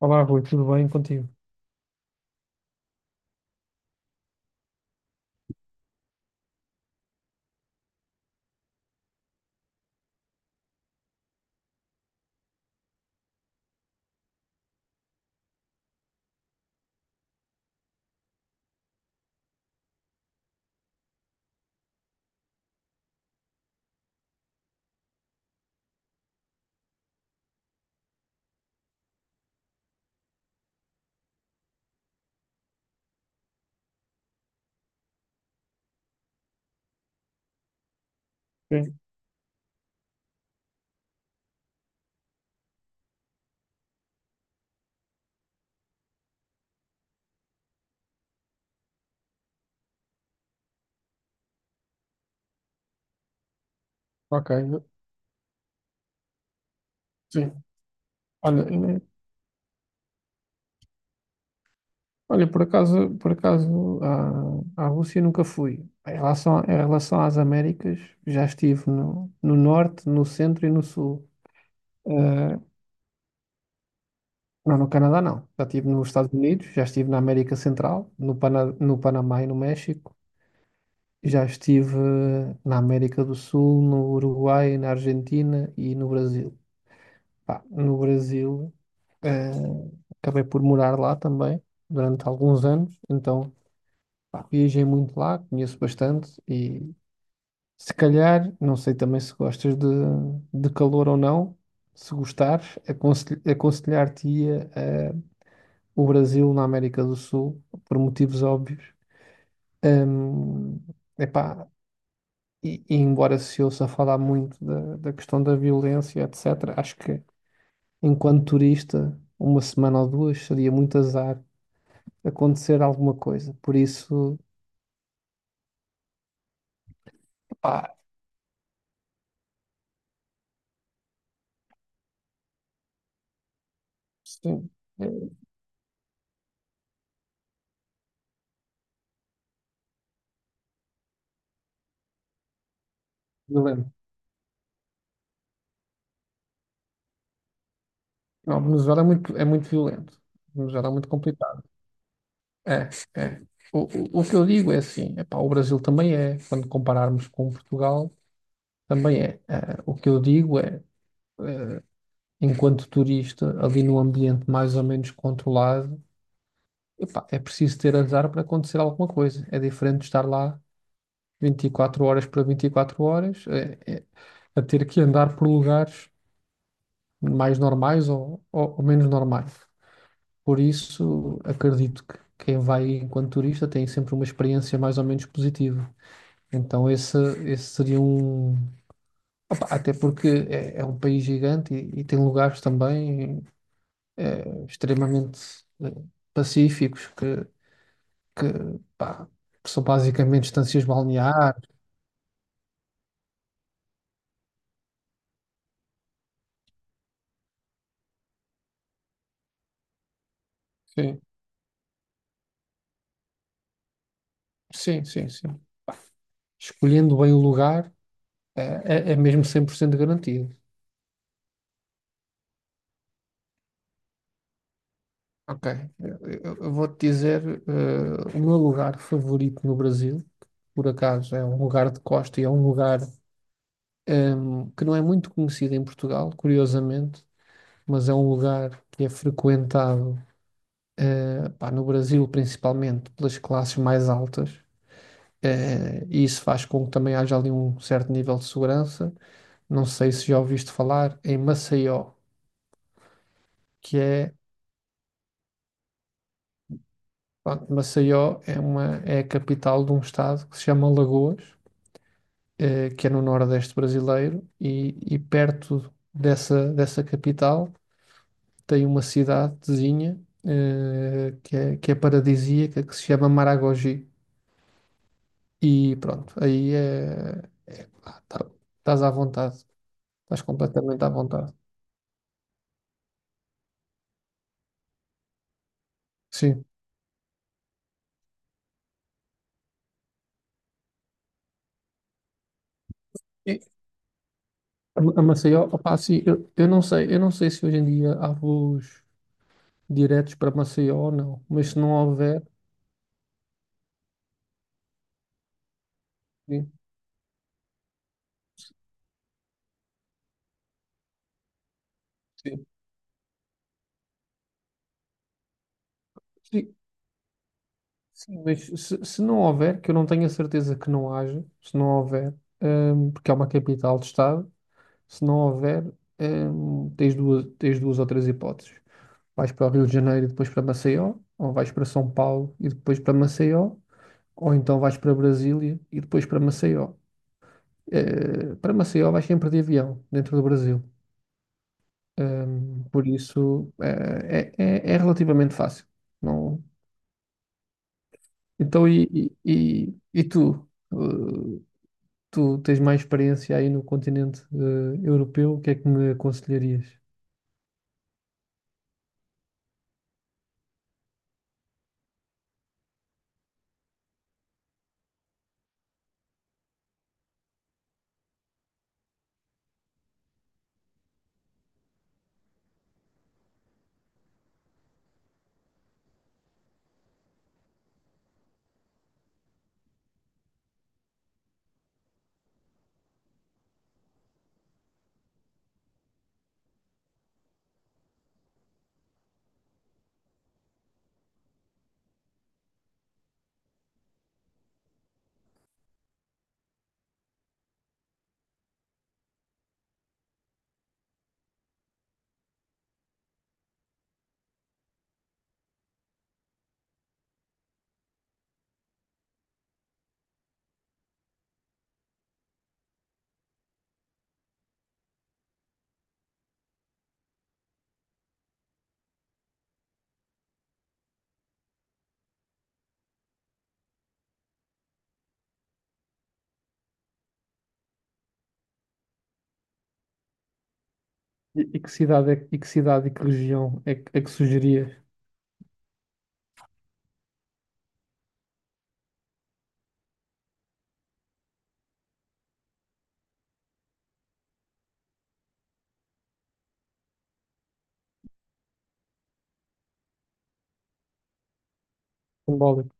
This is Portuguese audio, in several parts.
Olá, Rui, tudo bem contigo? Ok, sim. Olha, eh, por acaso à Rússia nunca fui. Em relação às Américas, já estive no norte, no centro e no sul. Eh, não, no Canadá não. Já estive nos Estados Unidos, já estive na América Central, no Panamá e no México. Já estive na América do Sul, no Uruguai, na Argentina e no Brasil. Pá, no Brasil, eh, acabei por morar lá também durante alguns anos, então pá, viajei muito lá, conheço bastante e se calhar, não sei também se gostas de calor ou não, se gostares, aconselhar-te-ia o Brasil na América do Sul, por motivos óbvios. Hum, Epá, e embora se ouça falar muito da questão da violência, etc., acho que enquanto turista, uma semana ou duas seria muito azar acontecer alguma coisa. Por isso, pá, sim, é violento. Não, Venezuela é muito violento. Venezuela é muito complicado. É, é. O, o que eu digo é assim, epá, o Brasil também é, quando compararmos com Portugal, também é. Eh, o que eu digo é, eh, enquanto turista, ali num ambiente mais ou menos controlado, epá, é preciso ter azar para acontecer alguma coisa. É diferente de estar lá 24 horas para 24 horas, a ter que andar por lugares mais normais ou menos normais. Por isso, acredito que quem vai enquanto turista tem sempre uma experiência mais ou menos positiva. Então, esse seria um. Opa, até porque é um país gigante e tem lugares também extremamente eh, pacíficos que, pá, que são basicamente estâncias balneares. Sim, sim, sim, sim. Escolhendo bem o lugar. É mesmo 100% garantido. Ok. Eu, eu vou-te dizer, o meu lugar favorito no Brasil, que por acaso é um lugar de costa e é um lugar, que não é muito conhecido em Portugal, curiosamente, mas é um lugar que é frequentado, pá, no Brasil principalmente pelas classes mais altas. Eh, e isso faz com que também haja ali um certo nível de segurança. Não sei se já ouviste falar em Maceió, que é Pronto, Maceió é a capital de um estado que se chama Alagoas, que é no nordeste brasileiro, e perto dessa capital tem uma cidadezinha, que é paradisíaca, que se chama Maragogi. E pronto, aí ah, tá- estás à vontade, estás completamente à vontade. Sim. E a Maceió, opá, sim, eu não sei se hoje em dia há voos diretos para Maceió ou não, mas se não houver, sim. Sim. Sim, sim, mas se não houver, que eu não tenho a certeza que não haja, se não houver, porque é uma capital de Estado, se não houver, tens duas ou três hipóteses. Vais para o Rio de Janeiro e depois para Maceió, ou vais para São Paulo e depois para Maceió, ou então vais para Brasília e depois para Maceió. Eh, para Maceió vais sempre de avião, dentro do Brasil. Por isso, é relativamente fácil. Não. Então, e tu? Eh, Tu tens mais experiência aí no continente europeu, o que é que me aconselharias? E que cidade e que região é que sugerias? Simbólico.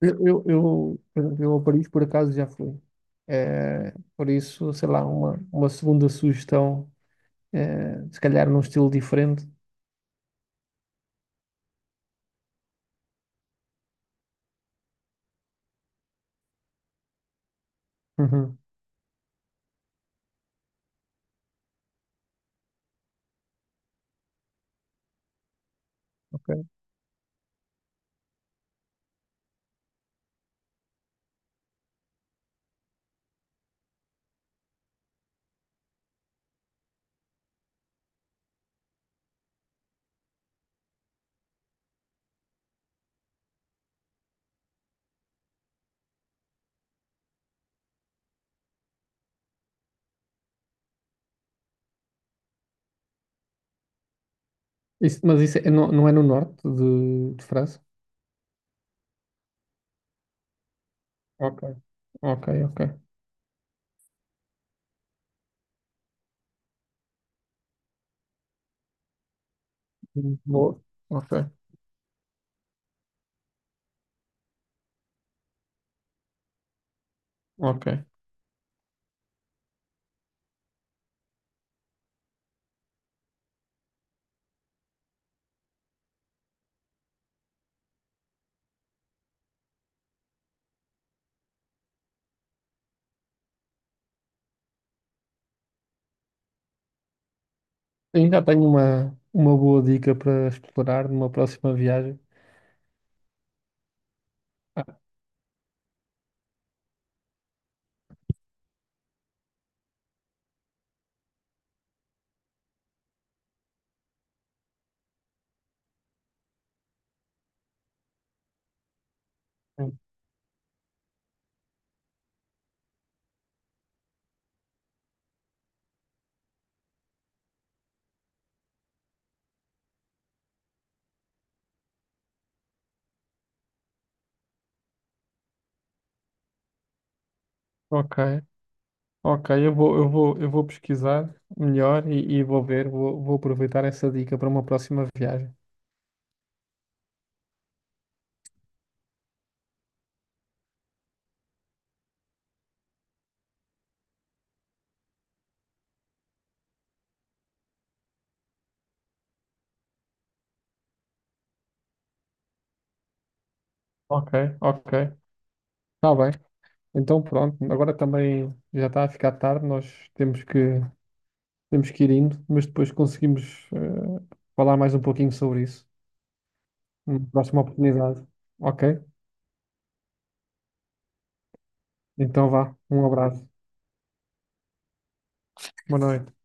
Eu, por exemplo, eu a Paris por acaso já fui. Por isso, sei lá, uma segunda sugestão, se calhar num estilo diferente. Uhum, ok. Mas não, não é no norte de França? Ok, ok, ok. Boa. Ok, ok. Sim, já tenho uma boa dica para explorar numa próxima viagem. Ah, sim. Ok, ok, eu vou pesquisar melhor e vou ver, vou aproveitar essa dica para uma próxima viagem. Ok, ok, está bem. Então pronto, agora também já está a ficar tarde, nós temos que, ir indo, mas depois conseguimos falar mais um pouquinho sobre isso. Numa próxima oportunidade. Ok? Então vá, um abraço, boa noite.